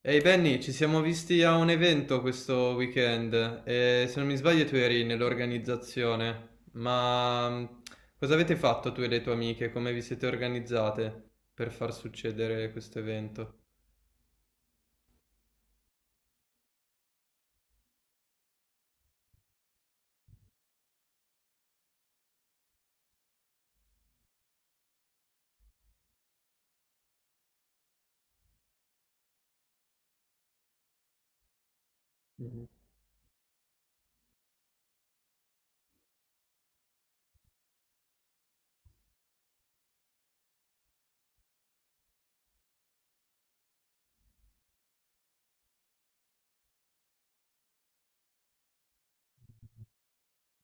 Ehi Benny, ci siamo visti a un evento questo weekend e se non mi sbaglio tu eri nell'organizzazione, ma cosa avete fatto tu e le tue amiche? Come vi siete organizzate per far succedere questo evento? Mhm.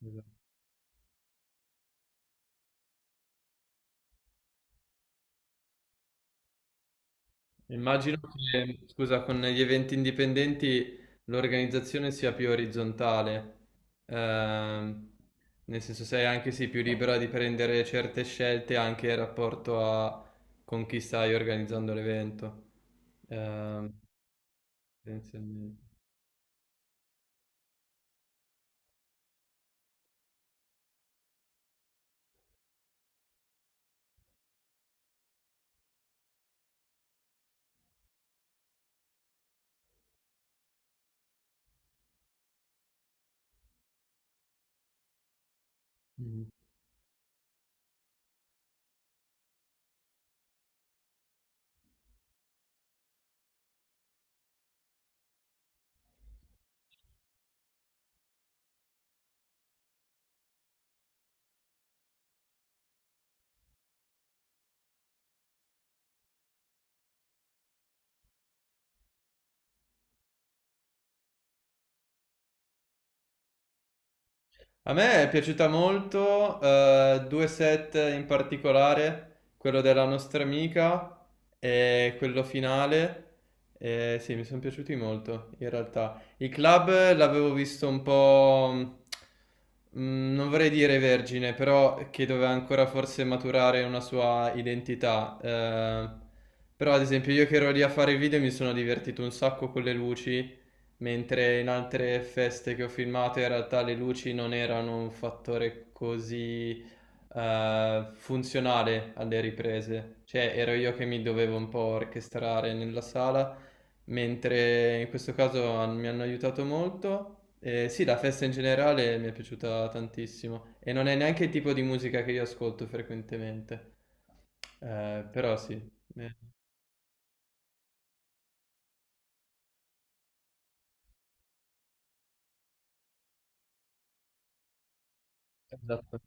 Esatto. Immagino che, scusa, con gli eventi indipendenti l'organizzazione sia più orizzontale, ehm, nel senso sei anche sì, più libera di prendere certe scelte anche in rapporto a con chi stai organizzando l'evento, ehm, tendenzialmente. Mm. A me è piaciuta molto, due set in particolare, quello della nostra amica e quello finale. Sì, mi sono piaciuti molto in realtà. I club l'avevo visto un po', mm, non vorrei dire vergine, però che doveva ancora forse maturare una sua identità. Però ad esempio io che ero lì a fare il video mi sono divertito un sacco con le luci. Mentre in altre feste che ho filmato in realtà le luci non erano un fattore così funzionale alle riprese, cioè ero io che mi dovevo un po' orchestrare nella sala, mentre in questo caso mi hanno aiutato molto. Sì, la festa in generale mi è piaciuta tantissimo e non è neanche il tipo di musica che io ascolto frequentemente. Però sì, eh, esatto.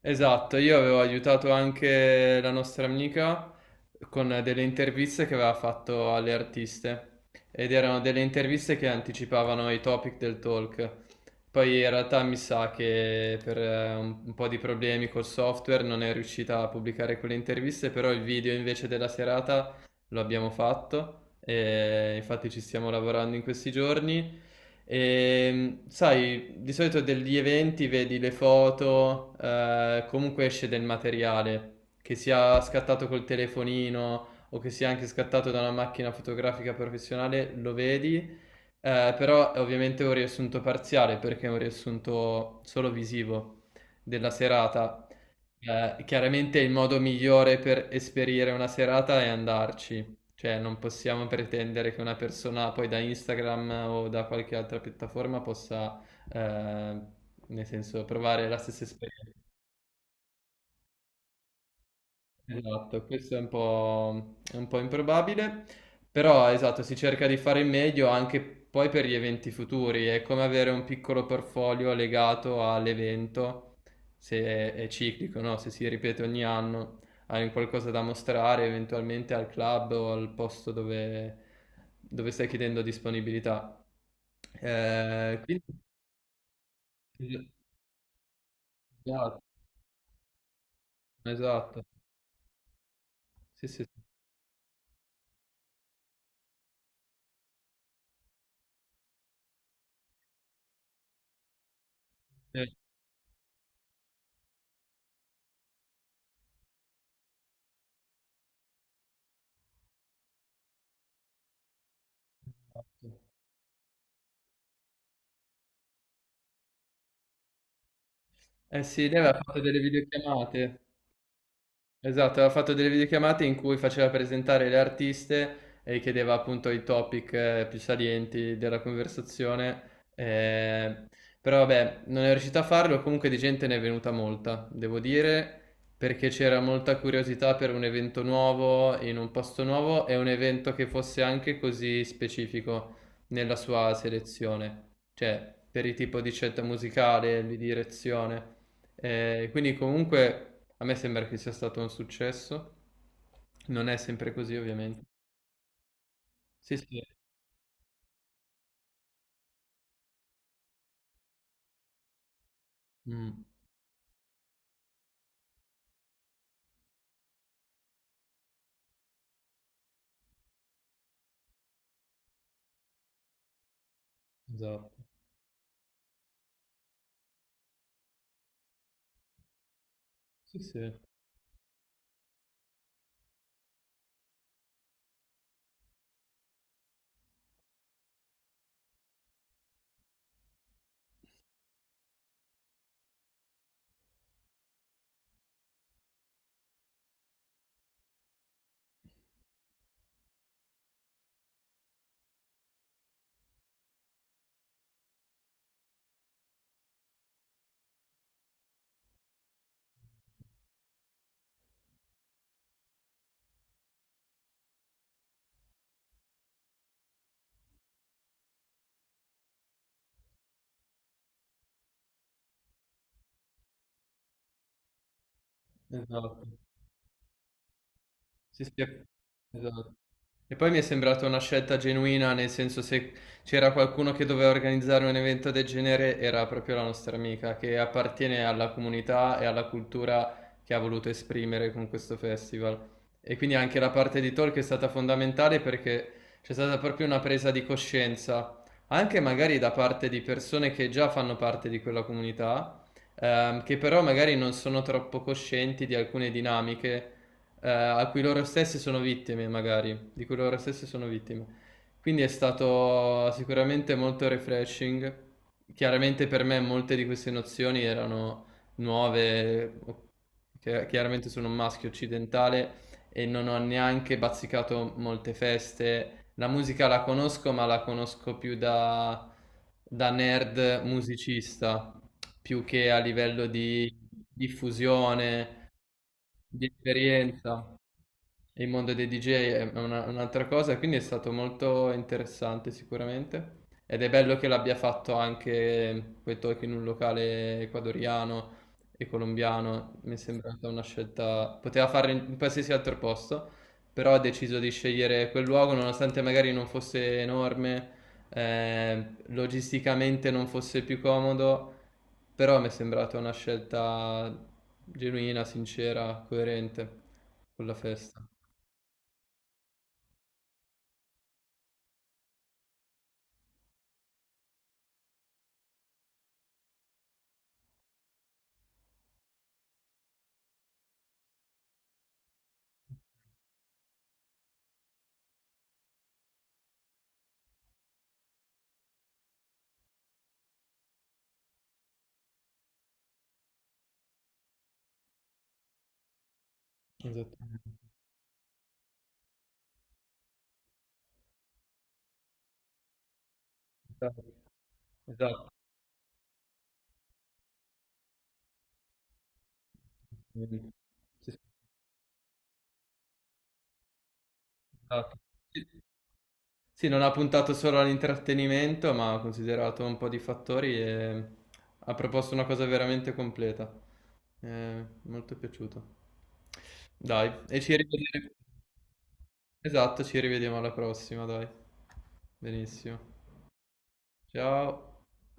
Esatto, io avevo aiutato anche la nostra amica con delle interviste che aveva fatto alle artiste ed erano delle interviste che anticipavano i topic del talk. Poi in realtà mi sa che per un po' di problemi col software non è riuscita a pubblicare quelle interviste, però il video invece della serata lo abbiamo fatto e infatti ci stiamo lavorando in questi giorni. E, sai, di solito degli eventi vedi le foto, comunque esce del materiale, che sia scattato col telefonino o che sia anche scattato da una macchina fotografica professionale, lo vedi, però è ovviamente un riassunto parziale perché è un riassunto solo visivo della serata. Chiaramente il modo migliore per esperire una serata è andarci, cioè non possiamo pretendere che una persona poi da Instagram o da qualche altra piattaforma possa, eh, nel senso, provare la stessa esperienza. Esatto, questo è un po' improbabile, però esatto, si cerca di fare il meglio anche poi per gli eventi futuri, è come avere un piccolo portfolio legato all'evento, se è, è ciclico, no? Se si ripete ogni anno, hai un qualcosa da mostrare eventualmente al club o al posto dove, dove stai chiedendo disponibilità. Quindi, esatto, esatto. Sì, sì, sì. Eh, esatto. Eh sì, lei aveva fatto delle videochiamate. Esatto, aveva fatto delle videochiamate in cui faceva presentare le artiste e chiedeva appunto i topic più salienti della conversazione, eh, però vabbè, non è riuscito a farlo, comunque di gente ne è venuta molta, devo dire, perché c'era molta curiosità per un evento nuovo in un posto nuovo e un evento che fosse anche così specifico nella sua selezione, cioè per il tipo di scelta musicale, di direzione. Quindi comunque a me sembra che sia stato un successo. Non è sempre così, ovviamente. Sì, sì. Mm, esatto. Sì, sì, esatto. Sì, sì, esatto. E poi mi è sembrata una scelta genuina, nel senso se c'era qualcuno che doveva organizzare un evento del genere era proprio la nostra amica, che appartiene alla comunità e alla cultura che ha voluto esprimere con questo festival. E quindi anche la parte di talk è stata fondamentale perché c'è stata proprio una presa di coscienza, anche magari da parte di persone che già fanno parte di quella comunità, che però magari non sono troppo coscienti di alcune dinamiche a cui loro stessi sono vittime, magari, di cui loro stessi sono vittime. Quindi è stato sicuramente molto refreshing. Chiaramente per me molte di queste nozioni erano nuove, chiaramente sono un maschio occidentale e non ho neanche bazzicato molte feste. La musica la conosco, ma la conosco più da, da nerd musicista, più che a livello di diffusione, di esperienza. Il mondo dei DJ è un'altra cosa, quindi è stato molto interessante sicuramente. Ed è bello che l'abbia fatto anche quei talk in un locale ecuadoriano e colombiano. Mi è sembrata una scelta. Poteva farlo in qualsiasi altro posto, però ha deciso di scegliere quel luogo, nonostante magari non fosse enorme, logisticamente non fosse più comodo, però mi è sembrata una scelta genuina, sincera, coerente con la festa. Esattamente. Esatto. Esattamente. Sì, sì, esatto. Sì. Sì, non ha puntato solo all'intrattenimento, ma ha considerato un po' di fattori e ha proposto una cosa veramente completa. Molto piaciuto. Dai, e ci rivediamo. Esatto, ci rivediamo alla prossima, dai. Benissimo. Ciao.